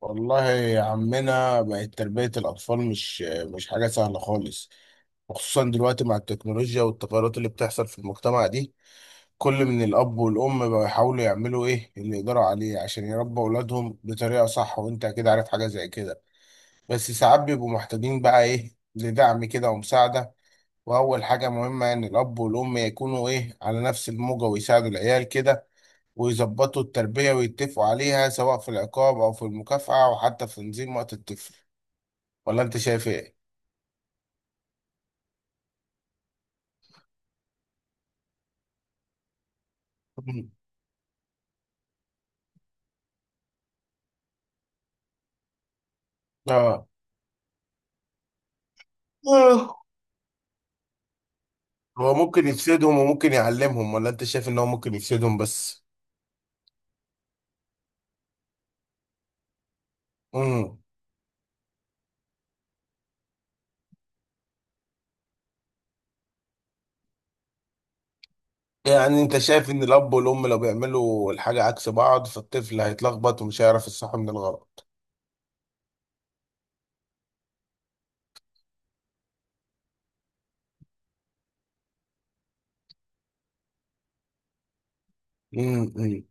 والله يا عمنا، بقت تربية الأطفال مش حاجة سهلة خالص. وخصوصا دلوقتي مع التكنولوجيا والتغيرات اللي بتحصل في المجتمع دي، كل من الأب والأم بقوا يحاولوا يعملوا إيه اللي يقدروا عليه عشان يربوا أولادهم بطريقة صح، وأنت أكيد عارف حاجة زي كده. بس ساعات بيبقوا محتاجين بقى إيه، لدعم كده ومساعدة. وأول حاجة مهمة إن الأب والأم يكونوا إيه، على نفس الموجة ويساعدوا العيال كده، ويظبطوا التربية ويتفقوا عليها، سواء في العقاب أو في المكافأة أو حتى في تنظيم وقت الطفل. ولا أنت شايف إيه؟ مم. آه. آه. هو ممكن يفسدهم وممكن يعلمهم، ولا أنت شايف إن هو ممكن يفسدهم بس؟ مم. يعني أنت شايف إن الأب والأم لو بيعملوا الحاجة عكس بعض، فالطفل هيتلخبط ومش هيعرف الصح من الغلط. مم. مم.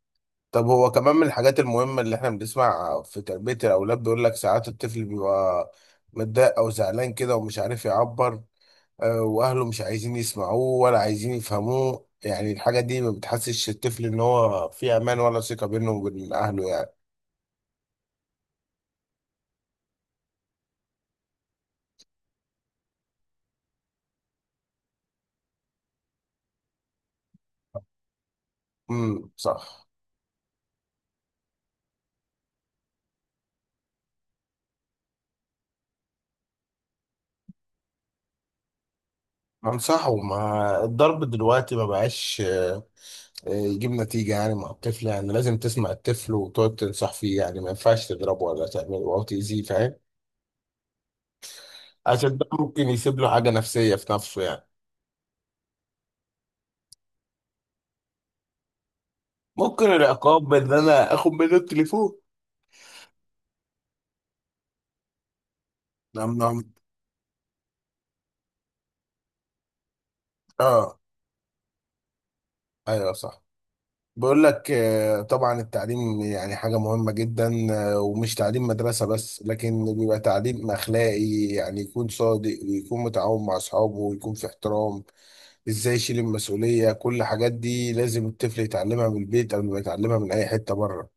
طب هو كمان من الحاجات المهمة اللي إحنا بنسمع في تربية الأولاد، بيقول لك ساعات الطفل بيبقى متضايق أو زعلان كده ومش عارف يعبر، واهله مش عايزين يسمعوه ولا عايزين يفهموه. يعني الحاجه دي ما بتحسش الطفل ان هو في امان، ولا ثقه بينه وبين اهله يعني. صح. انصحه، ما الضرب دلوقتي ما بقاش يجيب نتيجه يعني مع الطفل. يعني لازم تسمع الطفل وتقعد تنصح فيه، يعني ما ينفعش تضربه ولا تعمله او تاذيه، فاهم؟ عشان ده ممكن يسيب له حاجه نفسيه في نفسه يعني. ممكن العقاب ان انا اخد منه التليفون. نعم، نعم. اه. ايوه، صح. بقول لك طبعا التعليم يعني حاجة مهمة جدا. ومش تعليم مدرسة بس، لكن بيبقى تعليم أخلاقي. يعني يكون صادق، ويكون متعاون مع أصحابه، ويكون في احترام، إزاي يشيل المسؤولية. كل الحاجات دي لازم الطفل يتعلمها من البيت، قبل ما يتعلمها من أي حتة بره.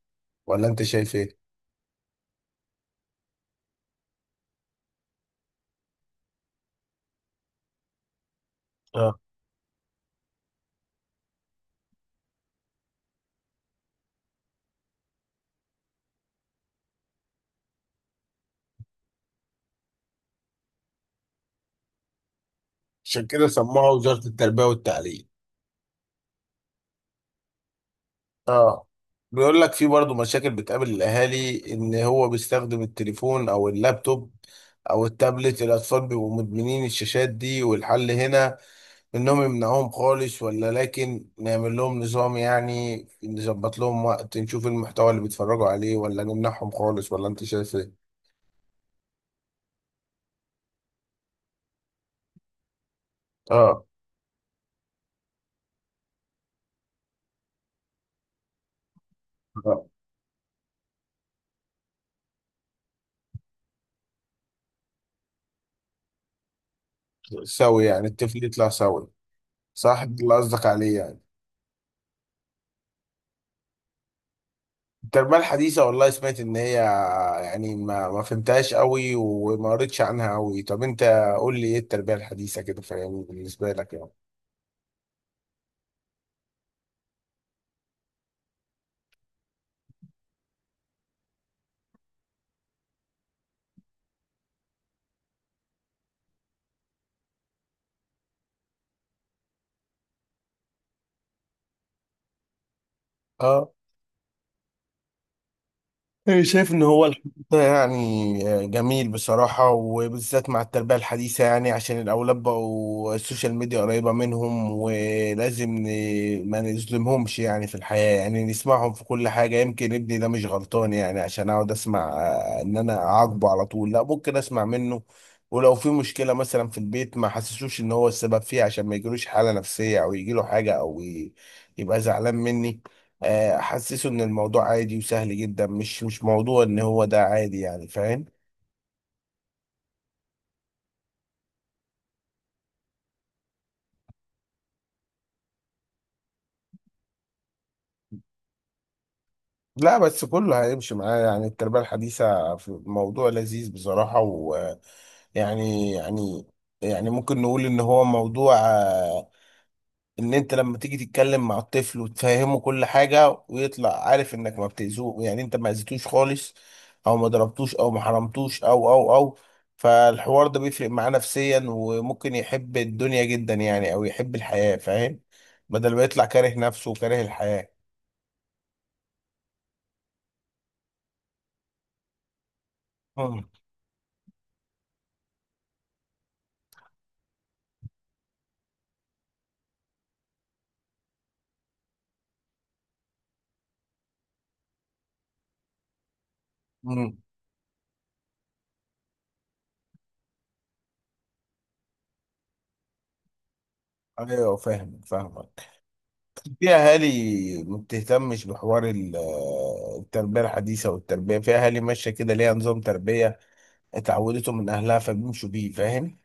ولا أنت شايف إيه؟ اه. عشان كده سموها وزارة التربية والتعليم. اه. بيقول لك في برضه مشاكل بتقابل الاهالي، ان هو بيستخدم التليفون او اللابتوب او التابلت. الاطفال بيبقوا مدمنين الشاشات دي، والحل هنا انهم يمنعوهم خالص، ولا لكن نعمل لهم نظام يعني، نظبط لهم وقت، نشوف المحتوى اللي بيتفرجوا عليه، ولا نمنعهم خالص؟ ولا انت شايف ايه؟ اه. آه. سوي، يعني الطفل يطلع سوي. صح، ده اللي قصدك عليه يعني. التربية الحديثة، والله سمعت إن هي يعني، ما فهمتهاش قوي، وما قريتش عنها قوي. طب أنت قول لي إيه التربية الحديثة كده، فاهم، بالنسبة لك يعني. آه. إيه، شايف ان هو الحوار ده يعني جميل بصراحة، وبالذات مع التربية الحديثة. يعني عشان الاولاد بقوا السوشيال ميديا قريبة منهم، ولازم ما نظلمهمش يعني في الحياة. يعني نسمعهم في كل حاجة، يمكن ابني ده مش غلطان يعني، عشان اقعد اسمع ان انا اعاقبه على طول. لا، ممكن اسمع منه. ولو في مشكلة مثلا في البيت، ما حسسوش ان هو السبب فيها، عشان ما يجيلوش حالة نفسية، او يجيله حاجة، او يبقى زعلان مني. احسسه ان الموضوع عادي وسهل جدا، مش موضوع ان هو ده، عادي يعني، فاهم؟ لا، بس كله هيمشي معاه. يعني التربية الحديثة في موضوع لذيذ بصراحة، و يعني يعني يعني ممكن نقول ان هو موضوع، ان انت لما تيجي تتكلم مع الطفل وتفهمه كل حاجة، ويطلع عارف انك ما بتأذوه. يعني انت ما أذيتوش خالص، او ما ضربتوش، او ما حرمتوش او او او فالحوار ده بيفرق معاه نفسيا، وممكن يحب الدنيا جدا يعني، او يحب الحياة، فاهم؟ بدل ما يطلع كاره نفسه وكاره الحياة. مم. مم. ايوه، فاهم، فاهمك. في اهالي ما بتهتمش بحوار التربيه الحديثه. والتربيه في اهالي ماشيه كده، ليها نظام تربيه اتعودته من اهلها، فبيمشوا بيه، فاهم؟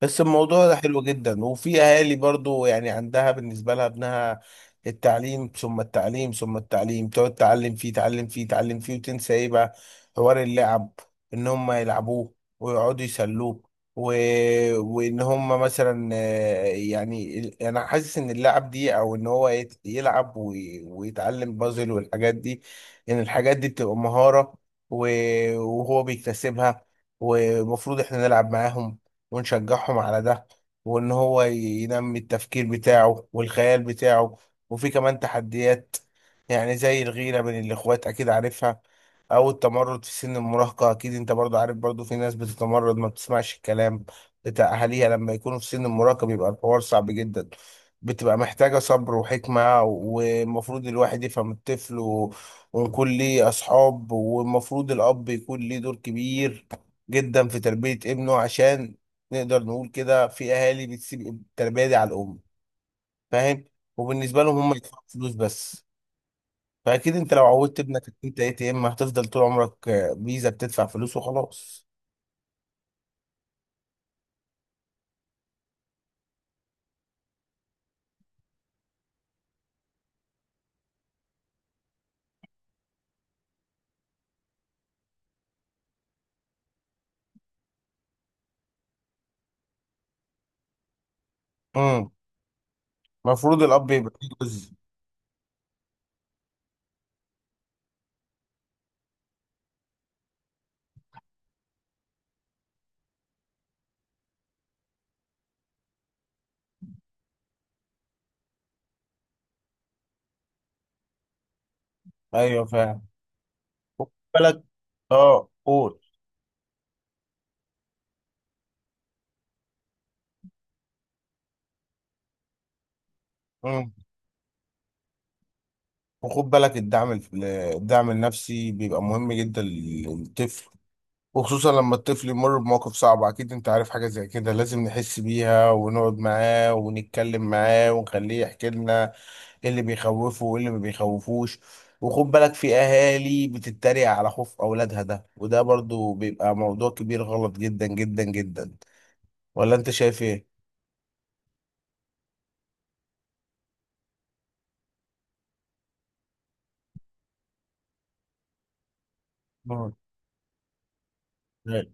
بس الموضوع ده حلو جدا. وفي اهالي برضو يعني، عندها بالنسبه لها ابنها التعليم، ثم التعليم، ثم التعليم. تقعد تعلم فيه، تعلم فيه، تعلم فيه، وتنسى ايه بقى؟ حوار اللعب، ان هم يلعبوه، ويقعدوا يسلوه، و... وان هم مثلا يعني انا حاسس ان اللعب دي، او ان هو يلعب ويتعلم بازل والحاجات دي، ان الحاجات دي بتبقى مهاره، و... وهو بيكتسبها. ومفروض احنا نلعب معاهم، ونشجعهم على ده. وان هو ينمي التفكير بتاعه والخيال بتاعه. وفي كمان تحديات، يعني زي الغيرة بين الاخوات، اكيد عارفها، او التمرد في سن المراهقة. اكيد انت برضو عارف، برضو في ناس بتتمرد، ما بتسمعش الكلام بتاع اهاليها. لما يكونوا في سن المراهقة، بيبقى الحوار صعب جدا، بتبقى محتاجة صبر وحكمة. والمفروض الواحد يفهم الطفل ويكون ليه أصحاب. والمفروض الأب يكون ليه دور كبير جدا في تربية ابنه، عشان نقدر نقول كده. في اهالي بتسيب التربيه دي على الام، فاهم؟ وبالنسبه لهم هم يدفعوا فلوس بس. فاكيد انت لو عودت ابنك إن انت ATM، هتفضل طول عمرك فيزا بتدفع فلوس وخلاص. امم المفروض الاب يبقى فيه جزء. ايوه، فاهم. خد بالك. اه، قول. امم وخد بالك الدعم الدعم النفسي بيبقى مهم جدا للطفل. وخصوصا لما الطفل يمر بمواقف صعبة، أكيد أنت عارف حاجة زي كده، لازم نحس بيها، ونقعد معاه، ونتكلم معاه، ونخليه يحكي لنا ايه اللي بيخوفه وايه اللي ما بيخوفوش. وخد بالك، في اهالي بتتريق على خوف اولادها، ده وده برضو بيبقى موضوع كبير، غلط جدا جدا جدا. ولا انت شايف ايه؟ آه. لا.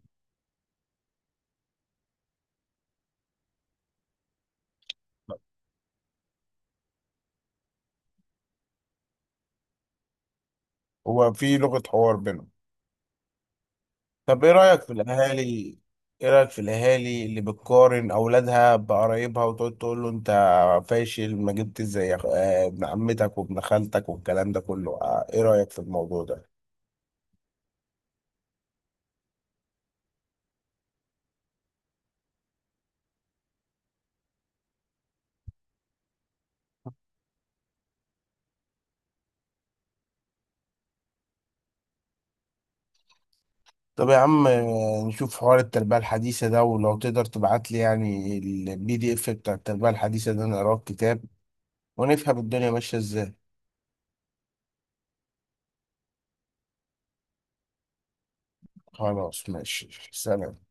هو في لغة حوار بينهم. طب ايه رأيك في الاهالي اللي بتقارن اولادها بقرايبها، وتقعد تقول له: انت فاشل، ما جبتش زي ابن عمتك وابن خالتك والكلام ده كله؟ ايه رأيك في الموضوع ده؟ طب يا عم نشوف حوار التربية الحديثة ده. ولو تقدر تبعت لي يعني الـPDF بتاع التربية الحديثة ده، نقراه في كتاب، ونفهم الدنيا ماشية ازاي. خلاص، ماشي، سلام.